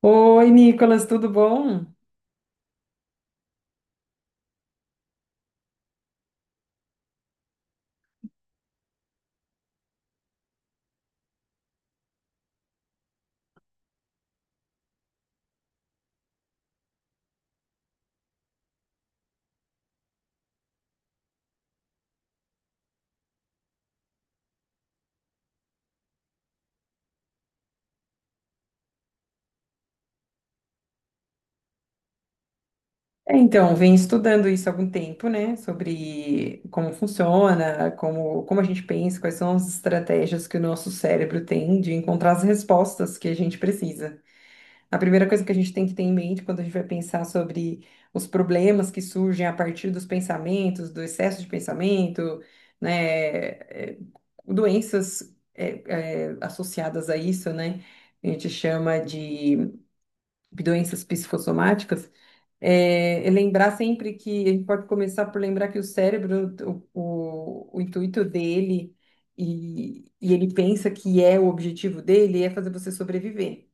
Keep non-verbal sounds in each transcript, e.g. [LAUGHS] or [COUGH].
Oi, Nicolas, tudo bom? Então, vem estudando isso há algum tempo, né? Sobre como funciona, como a gente pensa, quais são as estratégias que o nosso cérebro tem de encontrar as respostas que a gente precisa. A primeira coisa que a gente tem que ter em mente quando a gente vai pensar sobre os problemas que surgem a partir dos pensamentos, do excesso de pensamento, né? Doenças, associadas a isso, né? A gente chama de doenças psicossomáticas. É lembrar sempre que a gente pode começar por lembrar que o cérebro, o, o intuito dele e ele pensa que é o objetivo dele é fazer você sobreviver.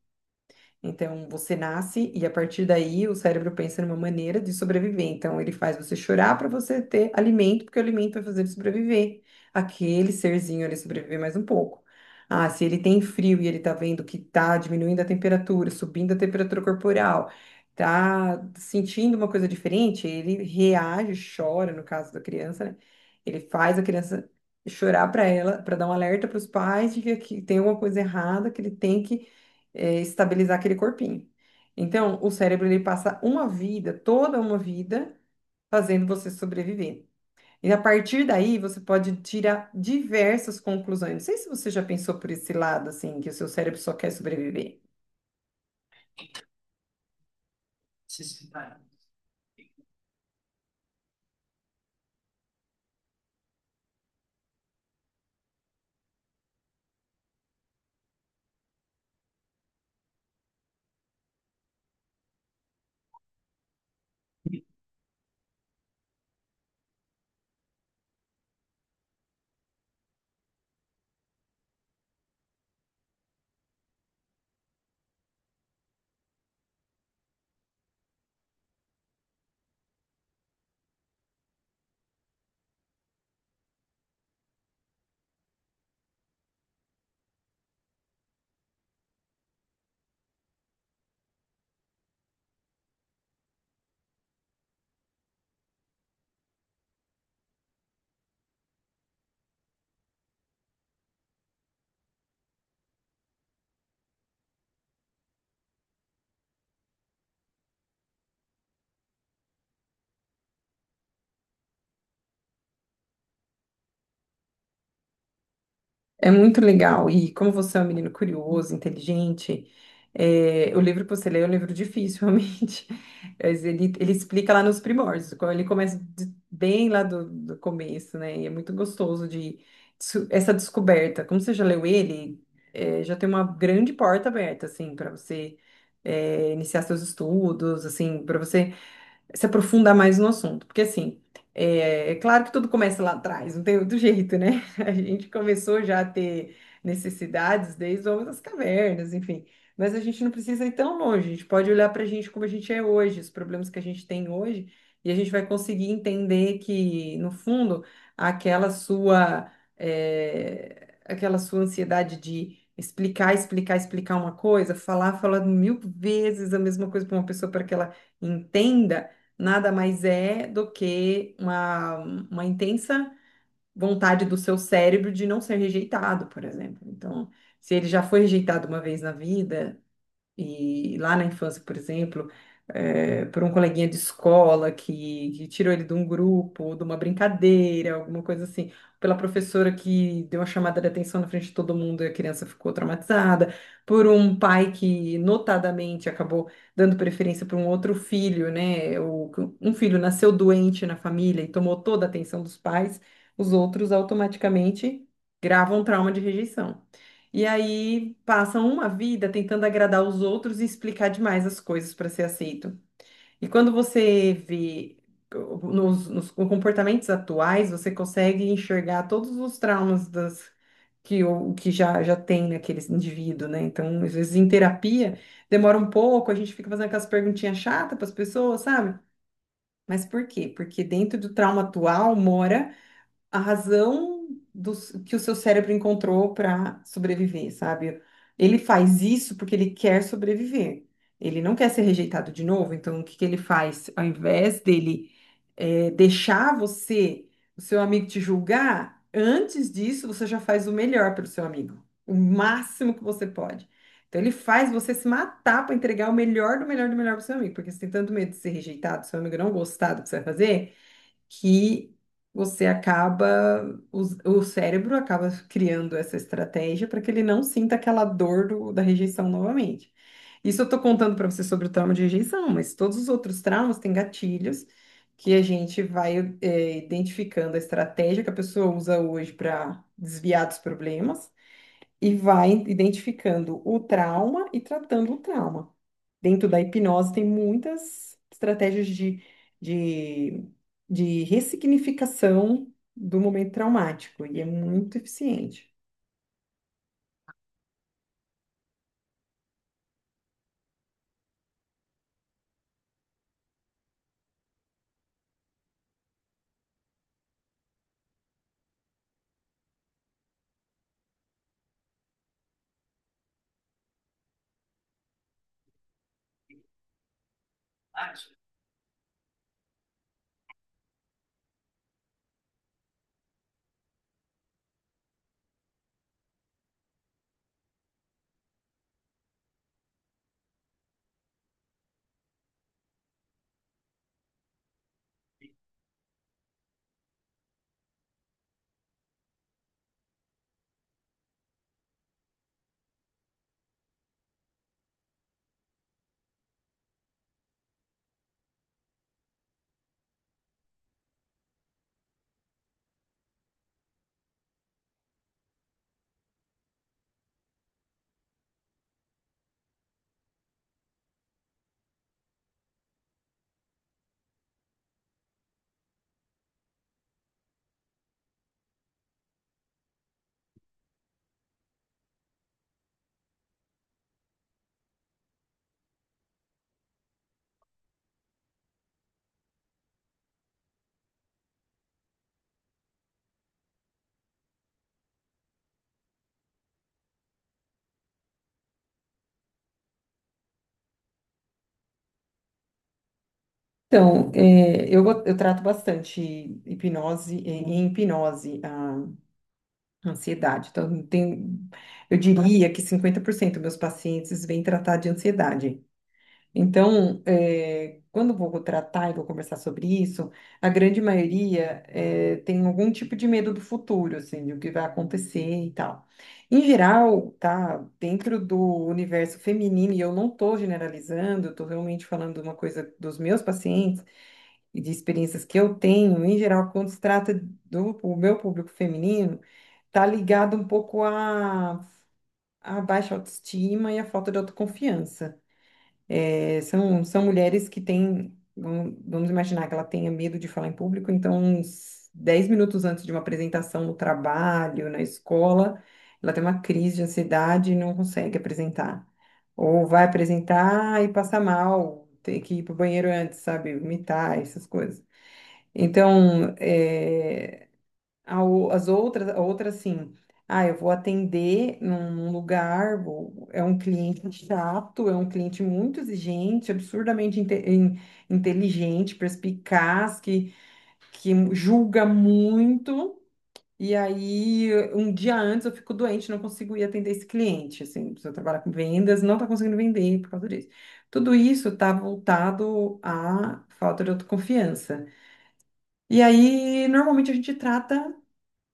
Então, você nasce e a partir daí o cérebro pensa numa maneira de sobreviver. Então, ele faz você chorar para você ter alimento, porque o alimento vai fazer ele sobreviver. Aquele serzinho ele sobreviver mais um pouco. Ah, se ele tem frio e ele tá vendo que tá diminuindo a temperatura, subindo a temperatura corporal, tá sentindo uma coisa diferente, ele reage, chora, no caso da criança, né? Ele faz a criança chorar para ela, para dar um alerta para os pais de que aqui tem alguma coisa errada, que ele tem que estabilizar aquele corpinho. Então, o cérebro ele passa uma vida, toda uma vida, fazendo você sobreviver. E a partir daí, você pode tirar diversas conclusões. Não sei se você já pensou por esse lado, assim, que o seu cérebro só quer sobreviver. É muito legal. E como você é um menino curioso, inteligente, o livro que você lê é um livro difícil, [LAUGHS] realmente. Mas ele explica lá nos primórdios, quando ele começa bem lá do começo, né? E é muito gostoso de essa descoberta. Como você já leu ele, já tem uma grande porta aberta, assim, para você iniciar seus estudos, assim, para você se aprofundar mais no assunto. Porque, assim, é claro que tudo começa lá atrás, não tem outro jeito, né? [LAUGHS] A gente começou já a ter necessidades desde o homem das cavernas, enfim. Mas a gente não precisa ir tão longe, a gente pode olhar para a gente como a gente é hoje, os problemas que a gente tem hoje, e a gente vai conseguir entender que, no fundo, aquela sua, aquela sua ansiedade de explicar, explicar, explicar uma coisa, falar, falar mil vezes a mesma coisa para uma pessoa para que ela entenda, nada mais é do que uma intensa vontade do seu cérebro de não ser rejeitado, por exemplo. Então, se ele já foi rejeitado uma vez na vida, e lá na infância, por exemplo, por um coleguinha de escola que tirou ele de um grupo, de uma brincadeira, alguma coisa assim, pela professora que deu uma chamada de atenção na frente de todo mundo e a criança ficou traumatizada, por um pai que notadamente acabou dando preferência para um outro filho, né? O, um filho nasceu doente na família e tomou toda a atenção dos pais, os outros automaticamente gravam trauma de rejeição. E aí passam uma vida tentando agradar os outros e explicar demais as coisas para ser aceito. E quando você vê nos comportamentos atuais, você consegue enxergar todos os traumas das, que, o, que já tem naquele indivíduo, né? Então, às vezes em terapia demora um pouco, a gente fica fazendo aquelas perguntinhas chatas para as pessoas, sabe? Mas por quê? Porque dentro do trauma atual mora a razão do, que o seu cérebro encontrou para sobreviver, sabe? Ele faz isso porque ele quer sobreviver. Ele não quer ser rejeitado de novo, então o que que ele faz? Ao invés dele deixar você, o seu amigo te julgar, antes disso você já faz o melhor pelo seu amigo, o máximo que você pode. Então ele faz você se matar para entregar o melhor do melhor do melhor pro seu amigo, porque você tem tanto medo de ser rejeitado, seu amigo não gostar do que você vai fazer, que você acaba, cérebro acaba criando essa estratégia para que ele não sinta aquela dor da rejeição novamente. Isso eu estou contando para você sobre o trauma de rejeição, mas todos os outros traumas têm gatilhos que a gente vai, identificando a estratégia que a pessoa usa hoje para desviar dos problemas e vai identificando o trauma e tratando o trauma. Dentro da hipnose tem muitas estratégias de, de ressignificação do momento traumático e é muito eficiente. Então, eu trato bastante hipnose, em hipnose, a ansiedade. Então, tem, eu diria que 50% dos meus pacientes vêm tratar de ansiedade. Então, quando eu vou tratar e vou conversar sobre isso, a grande maioria tem algum tipo de medo do futuro, assim, do que vai acontecer e tal. Em geral, tá, dentro do universo feminino, e eu não estou generalizando, eu estou realmente falando uma coisa dos meus pacientes e de experiências que eu tenho, em geral, quando se trata do o meu público feminino, tá ligado um pouco à baixa autoestima e à falta de autoconfiança. É, são mulheres que têm, vamos imaginar que ela tenha medo de falar em público, então, uns 10 minutos antes de uma apresentação no trabalho, na escola, ela tem uma crise de ansiedade e não consegue apresentar. Ou vai apresentar e passa mal, tem que ir para o banheiro antes, sabe? Vomitar, essas coisas. Então, a outra assim, ah, eu vou atender num lugar, é um cliente chato, é um cliente muito exigente, absurdamente inteligente, perspicaz, que julga muito. E aí, um dia antes eu fico doente, não consigo ir atender esse cliente. Assim, se eu trabalhar com vendas, não está conseguindo vender por causa disso. Tudo isso está voltado à falta de autoconfiança. E aí, normalmente a gente trata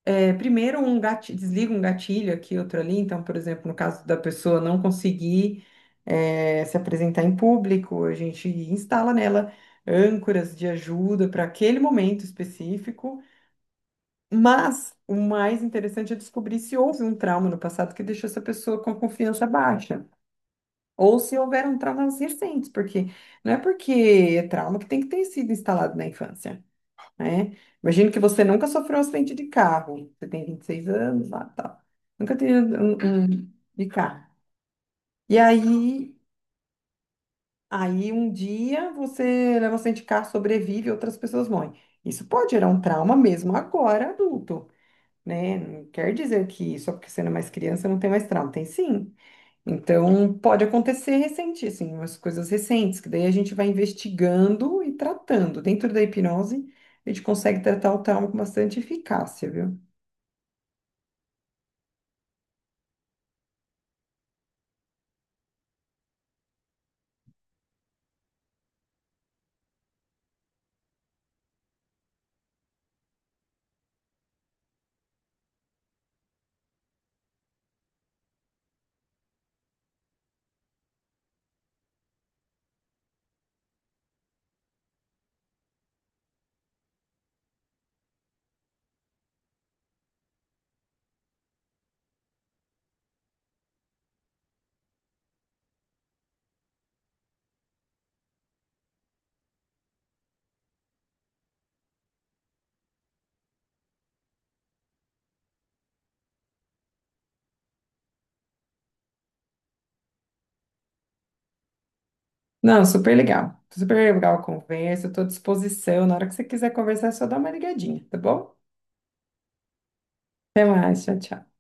primeiro, desliga um gatilho aqui, outro ali. Então, por exemplo, no caso da pessoa não conseguir se apresentar em público, a gente instala nela âncoras de ajuda para aquele momento específico. Mas o mais interessante é descobrir se houve um trauma no passado que deixou essa pessoa com a confiança baixa. Ou se houveram traumas recentes, porque não é porque é trauma que tem que ter sido instalado na infância, né? Imagino que você nunca sofreu um acidente de carro. Você tem 26 anos, lá, tá. Nunca teve um de carro. E aí, um dia você leva um acidente de carro, sobrevive, outras pessoas morrem. Isso pode gerar um trauma mesmo agora, adulto, né? Não quer dizer que só porque você não é mais criança não tem mais trauma. Tem sim. Então, pode acontecer recente, assim, umas coisas recentes, que daí a gente vai investigando e tratando. Dentro da hipnose, a gente consegue tratar o trauma com bastante eficácia, viu? Não, super legal. Super legal a conversa, estou à disposição. Na hora que você quiser conversar, é só dá uma ligadinha, tá bom? Até mais, tchau, tchau.